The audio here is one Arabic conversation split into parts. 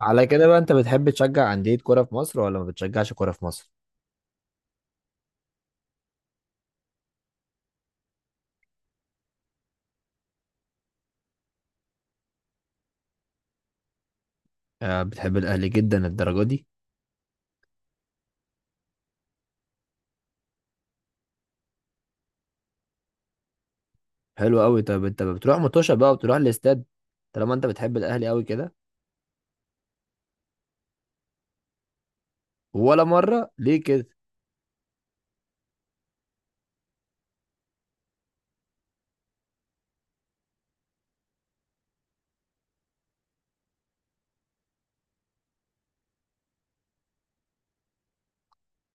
على كده بقى، انت بتحب تشجع أندية كرة في مصر ولا ما بتشجعش كرة في مصر؟ آه، بتحب الأهلي جدا الدرجة دي؟ حلو قوي. طب انت بتروح متوشة بقى وبتروح الاستاد طالما انت بتحب الأهلي قوي كده؟ ولا مرة؟ ليه كده؟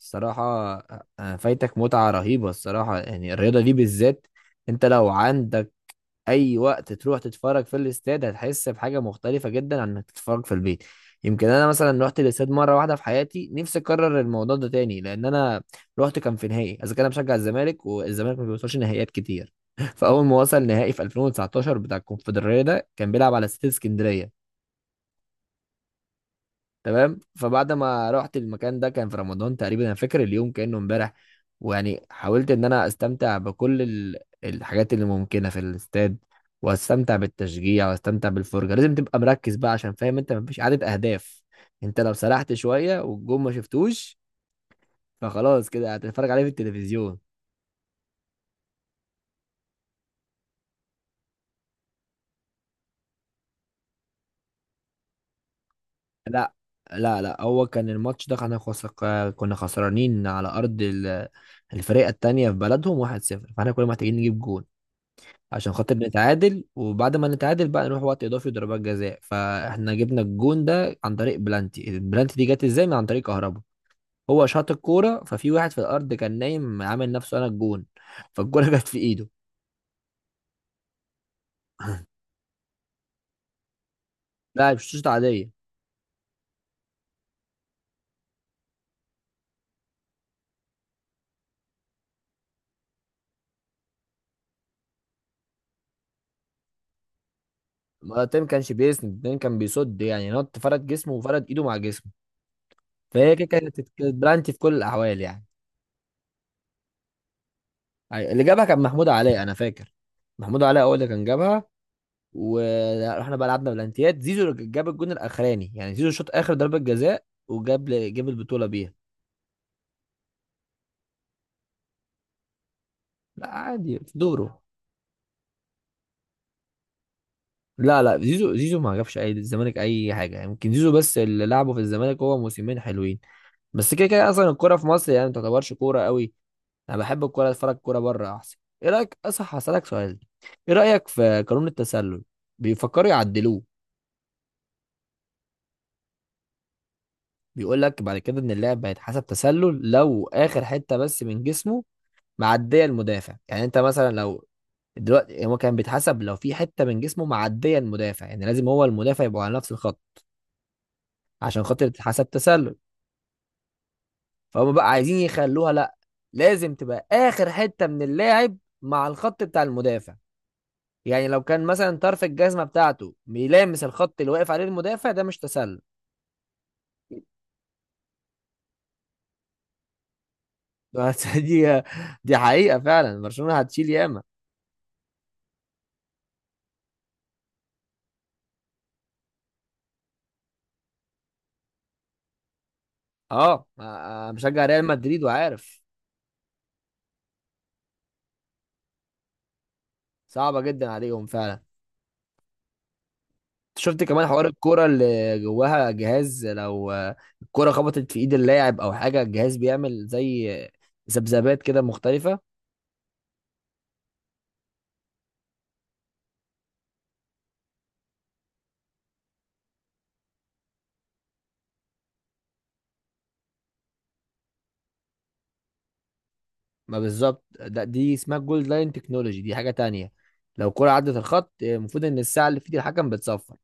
الصراحة آه، آه، فايتك متعة رهيبة الصراحة، يعني الرياضة دي بالذات انت لو عندك اي وقت تروح تتفرج في الاستاد هتحس بحاجه مختلفه جدا عن انك تتفرج في البيت. يمكن انا مثلا رحت الاستاد مره واحده في حياتي، نفسي اكرر الموضوع ده تاني، لان انا رحت كان في نهائي، اذا كان انا بشجع الزمالك والزمالك ما بيوصلش نهائيات كتير. فاول ما وصل نهائي في 2019 بتاع الكونفدراليه، ده كان بيلعب على استاد اسكندريه. تمام، فبعد ما رحت المكان ده كان في رمضان تقريبا، انا فاكر اليوم كانه امبارح. ويعني حاولت ان انا استمتع بكل الحاجات اللي ممكنه في الاستاد، واستمتع بالتشجيع واستمتع بالفرجه. لازم تبقى مركز بقى، عشان فاهم انت مفيش عدد اهداف، انت لو سرحت شويه والجون ما شفتوش فخلاص كده هتتفرج عليه في التلفزيون. لا، لا هو كان الماتش ده كنا كنا خسرانين على ارض الفريق التانية في بلدهم 1-0، فاحنا كنا محتاجين نجيب جون عشان خاطر نتعادل، وبعد ما نتعادل بقى نروح وقت اضافي وضربات جزاء. فاحنا جبنا الجون ده عن طريق بلانتي. البلانتي دي جت ازاي؟ من عن طريق كهربا. هو شاط الكوره ففي واحد في الارض كان نايم عامل نفسه انا الجون، فالكوره جت في ايده. لا مش شوط عاديه، مرتين ما تيم كانش بيسند، اتنين كان بيصد، يعني نط فرد جسمه وفرد ايده مع جسمه، فهي كده كانت كانت بلانتي في كل الاحوال يعني. اللي جابها كان محمود علاء انا فاكر، محمود علاء هو اللي كان جابها. ورحنا بقى لعبنا بلانتيات، زيزو جاب الجون الاخراني، يعني زيزو شاط اخر ضربه جزاء وجاب جاب البطوله بيها. لا عادي في دوره، لا لا، زيزو ما جابش اي الزمالك اي حاجه، يعني يمكن زيزو بس اللي لعبه في الزمالك هو موسمين حلوين، بس كده كده اصلا الكوره في مصر يعني ما تعتبرش كوره قوي. انا بحب الكوره اتفرج كوره بره احسن. ايه رايك؟ اصح، هسالك سؤال. ايه رايك في قانون التسلل؟ بيفكروا يعدلوه. بيقول لك بعد كده ان اللاعب هيتحسب تسلل لو اخر حته بس من جسمه معديه المدافع، يعني انت مثلا لو دلوقتي هو كان بيتحسب لو في حته من جسمه معديه المدافع، يعني لازم هو المدافع يبقى على نفس الخط عشان خاطر تتحسب تسلل. فهم بقى عايزين يخلوها لا، لازم تبقى اخر حته من اللاعب مع الخط بتاع المدافع، يعني لو كان مثلا طرف الجزمه بتاعته بيلامس الخط اللي واقف عليه المدافع ده مش تسلل. بس دي حقيقه فعلا، برشلونه هتشيل ياما. اه، أنا مشجع ريال مدريد وعارف، صعبه جدا عليهم فعلا. شفت كمان حوار الكوره اللي جواها جهاز؟ لو الكوره خبطت في ايد اللاعب او حاجه الجهاز بيعمل زي ذبذبات كده مختلفه. ما بالظبط ده، دي اسمها جولد لاين تكنولوجي، دي حاجه تانية. لو الكوره عدت الخط المفروض ان الساعه اللي في ايد الحكم بتصفر.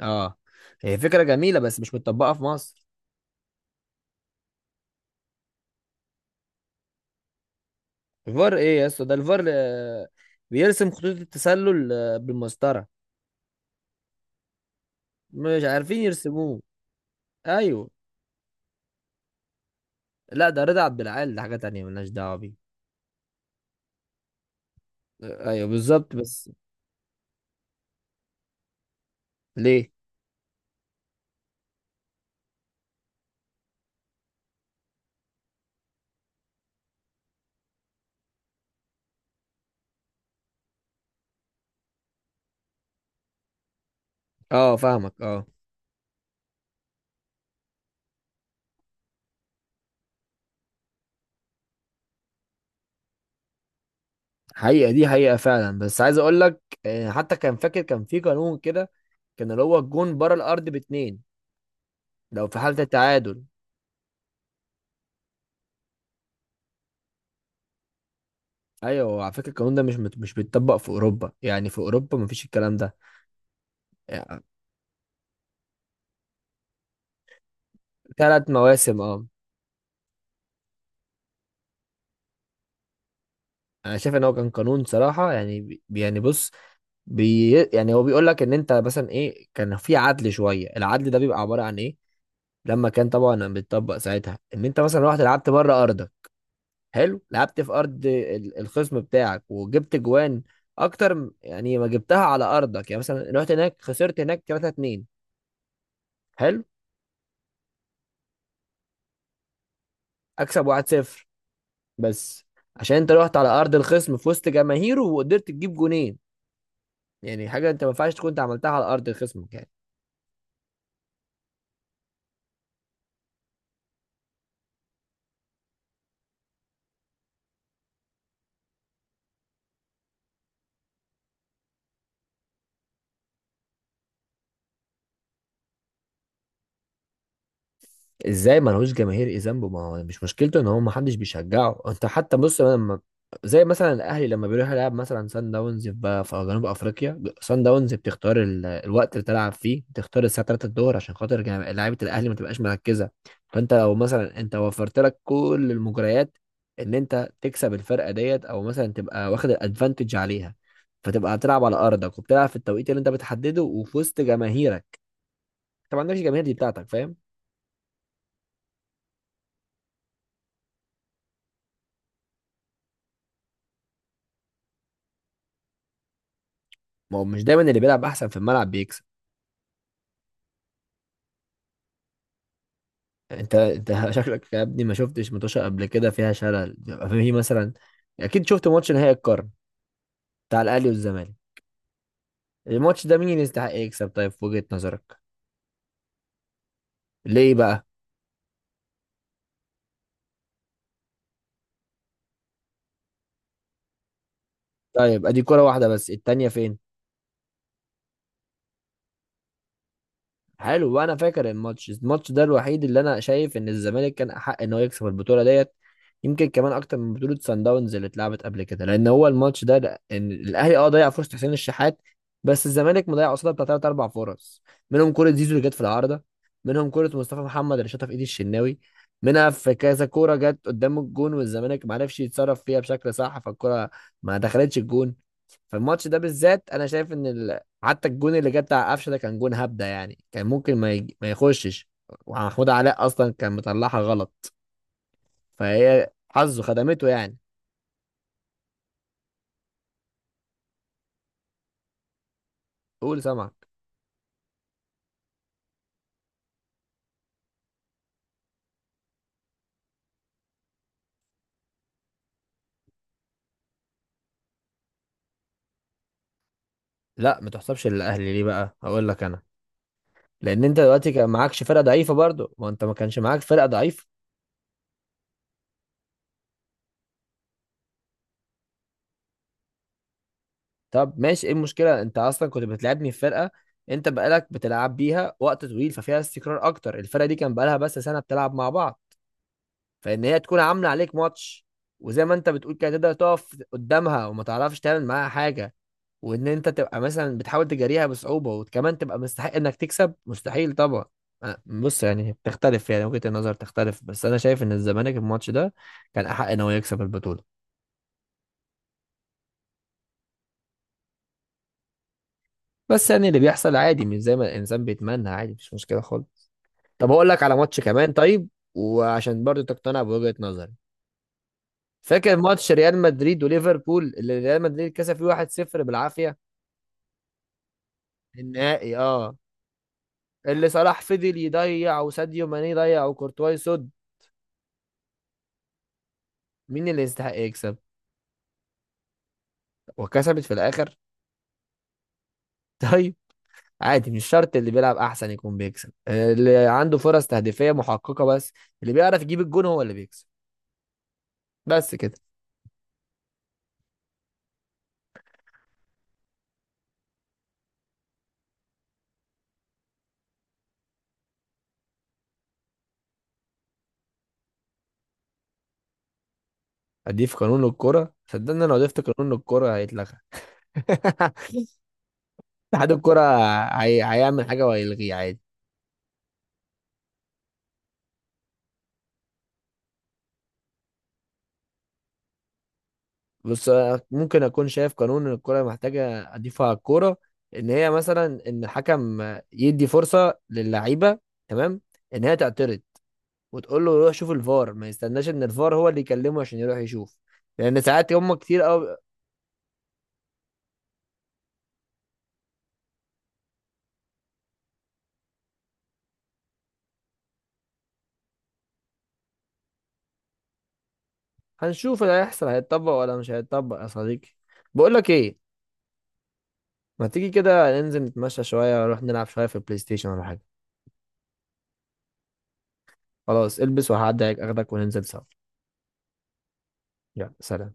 اه، هي فكره جميله بس مش متطبقه في مصر. الفار ايه يا اسطى؟ ده الفار آه، بيرسم خطوط التسلل آه، بالمسطره. مش عارفين يرسموه. ايوه. لا ده رضا عبد العال، ده حاجه تانية ملناش دعوه بيه. آه، ايوه بالظبط. بس ليه؟ اه فاهمك اه. حقيقة دي حقيقة فعلا، بس عايز اقول لك آه، حتى كان فاكر كان في قانون كده، كان اللي هو الجون بره الارض باتنين لو في حالة التعادل. ايوه، على فكرة القانون ده مش بيتطبق في اوروبا، يعني في اوروبا مفيش الكلام ده يعني. ثلاث مواسم اه. انا شايف ان هو كان قانون صراحة، يعني يعني بص، يعني هو بيقول لك ان انت مثلا ايه، كان في عدل شوية. العدل ده بيبقى عبارة عن ايه؟ لما كان طبعا بيتطبق ساعتها، ان انت مثلا رحت لعبت بره ارضك، حلو، لعبت في ارض الخصم بتاعك وجبت جوان اكتر يعني ما جبتها على ارضك، يعني مثلا رحت هناك خسرت هناك 3 2، حلو اكسب 1 0 بس، عشان انت رحت على ارض الخصم في وسط جماهيره وقدرت تجيب جونين، يعني حاجه انت ما ينفعش تكون انت عملتها على ارض خصمك يعني. ازاي ملهوش جماهير ايه ذنبه؟ ما هو مش مشكلته ان هو ما حدش بيشجعه. انت حتى بص، لما زي مثلا الاهلي لما بيروح يلعب مثلا سان داونز في في جنوب افريقيا، سان داونز بتختار الوقت اللي تلعب فيه، بتختار الساعه 3 الظهر عشان خاطر لعيبه الاهلي ما تبقاش مركزه. فانت لو مثلا انت وفرت لك كل المجريات ان انت تكسب الفرقه ديت، او مثلا تبقى واخد الادفانتج عليها، فتبقى هتلعب على ارضك وبتلعب في التوقيت اللي انت بتحدده وفي وسط جماهيرك، طبعا ده مش الجماهير دي بتاعتك، فاهم؟ ما هو مش دايما اللي بيلعب احسن في الملعب بيكسب. انت شكلك يا ابني ما شفتش متوشة قبل كده، فيها شلل بيبقى فيه مثلا. اكيد شفت ماتش نهائي القرن بتاع الاهلي والزمالك. الماتش ده مين يستحق يكسب طيب في وجهة نظرك؟ ليه بقى؟ طيب ادي كرة واحدة بس، التانية فين؟ حلو، وانا فاكر الماتش ده الوحيد اللي انا شايف ان الزمالك كان احق ان هو يكسب البطوله ديت، يمكن كمان اكتر من بطوله سان داونز اللي اتلعبت قبل كده، لان هو الماتش ده ان الاهلي اه ضيع فرصه حسين الشحات، بس الزمالك مضيع قصادها بتاع ثلاث اربع فرص، منهم كوره زيزو اللي جت في العارضه، منهم كوره مصطفى محمد اللي شاطها في ايد الشناوي، منها في كذا كوره جت قدام الجون والزمالك ما عرفش يتصرف فيها بشكل صح، فالكوره ما دخلتش الجون. فالماتش ده بالذات انا شايف ان حتى الجون اللي جه بتاع قفشه ده كان جون هبده، يعني كان ممكن ما, ما يخشش، ومحمود علاء اصلا كان مطلعها غلط، فهي حظه خدمته يعني. قول، سمعك. لا ما تحسبش للاهلي، ليه بقى؟ هقول لك انا، لان انت دلوقتي كان معكش فرقه ضعيفه برضه، ما انت ما كانش معاك فرقه ضعيفه. طب ماشي، ايه المشكله؟ انت اصلا كنت بتلعبني في فرقه انت بقالك بتلعب بيها وقت طويل ففيها استقرار اكتر، الفرقه دي كان بقالها بس سنه بتلعب مع بعض. فان هي تكون عامله عليك ماتش وزي ما انت بتقول كده تقدر تقف قدامها وما تعرفش تعمل معاها حاجه، وان انت تبقى مثلا بتحاول تجاريها بصعوبه وكمان تبقى مستحق انك تكسب، مستحيل طبعا. بص يعني بتختلف، يعني وجهة النظر تختلف، بس انا شايف ان الزمالك الماتش ده كان احق ان هو يكسب البطوله. بس يعني اللي بيحصل عادي مش زي ما الانسان بيتمنى، عادي مش مشكله خالص. طب اقول لك على ماتش كمان طيب، وعشان برضو تقتنع بوجهة نظري، فاكر ماتش ريال مدريد وليفربول اللي ريال مدريد كسب فيه 1-0 بالعافيه؟ النهائي اه، اللي صلاح فضل يضيع وساديو ماني ضيع وكورتواي يصد. مين اللي يستحق يكسب؟ وكسبت في الاخر؟ طيب، عادي مش شرط اللي بيلعب احسن يكون بيكسب، اللي عنده فرص تهديفية محققة بس، اللي بيعرف يجيب الجون هو اللي بيكسب، بس كده. اضيف قانون للكرة؟ صدقني لو ضفت قانون للكرة هيتلغى. اتحاد الكرة هيعمل حاجة وهيلغيه عادي. بس أنا ممكن اكون شايف قانون ان الكرة محتاجة اضيفه على الكورة، ان هي مثلا ان الحكم يدي فرصة للعيبة، تمام، ان هي تعترض وتقول له روح شوف الفار ما يستناش ان الفار هو اللي يكلمه عشان يروح يشوف، لان ساعات هم كتير قوي. هنشوف اللي هيحصل، هيتطبق ولا مش هيتطبق يا صديقي. بقول لك ايه، ما تيجي كده ننزل نتمشى شوية ونروح نلعب شوية في البلاي ستيشن ولا حاجة. خلاص البس وهعدي عليك اخدك وننزل سوا. يلا سلام.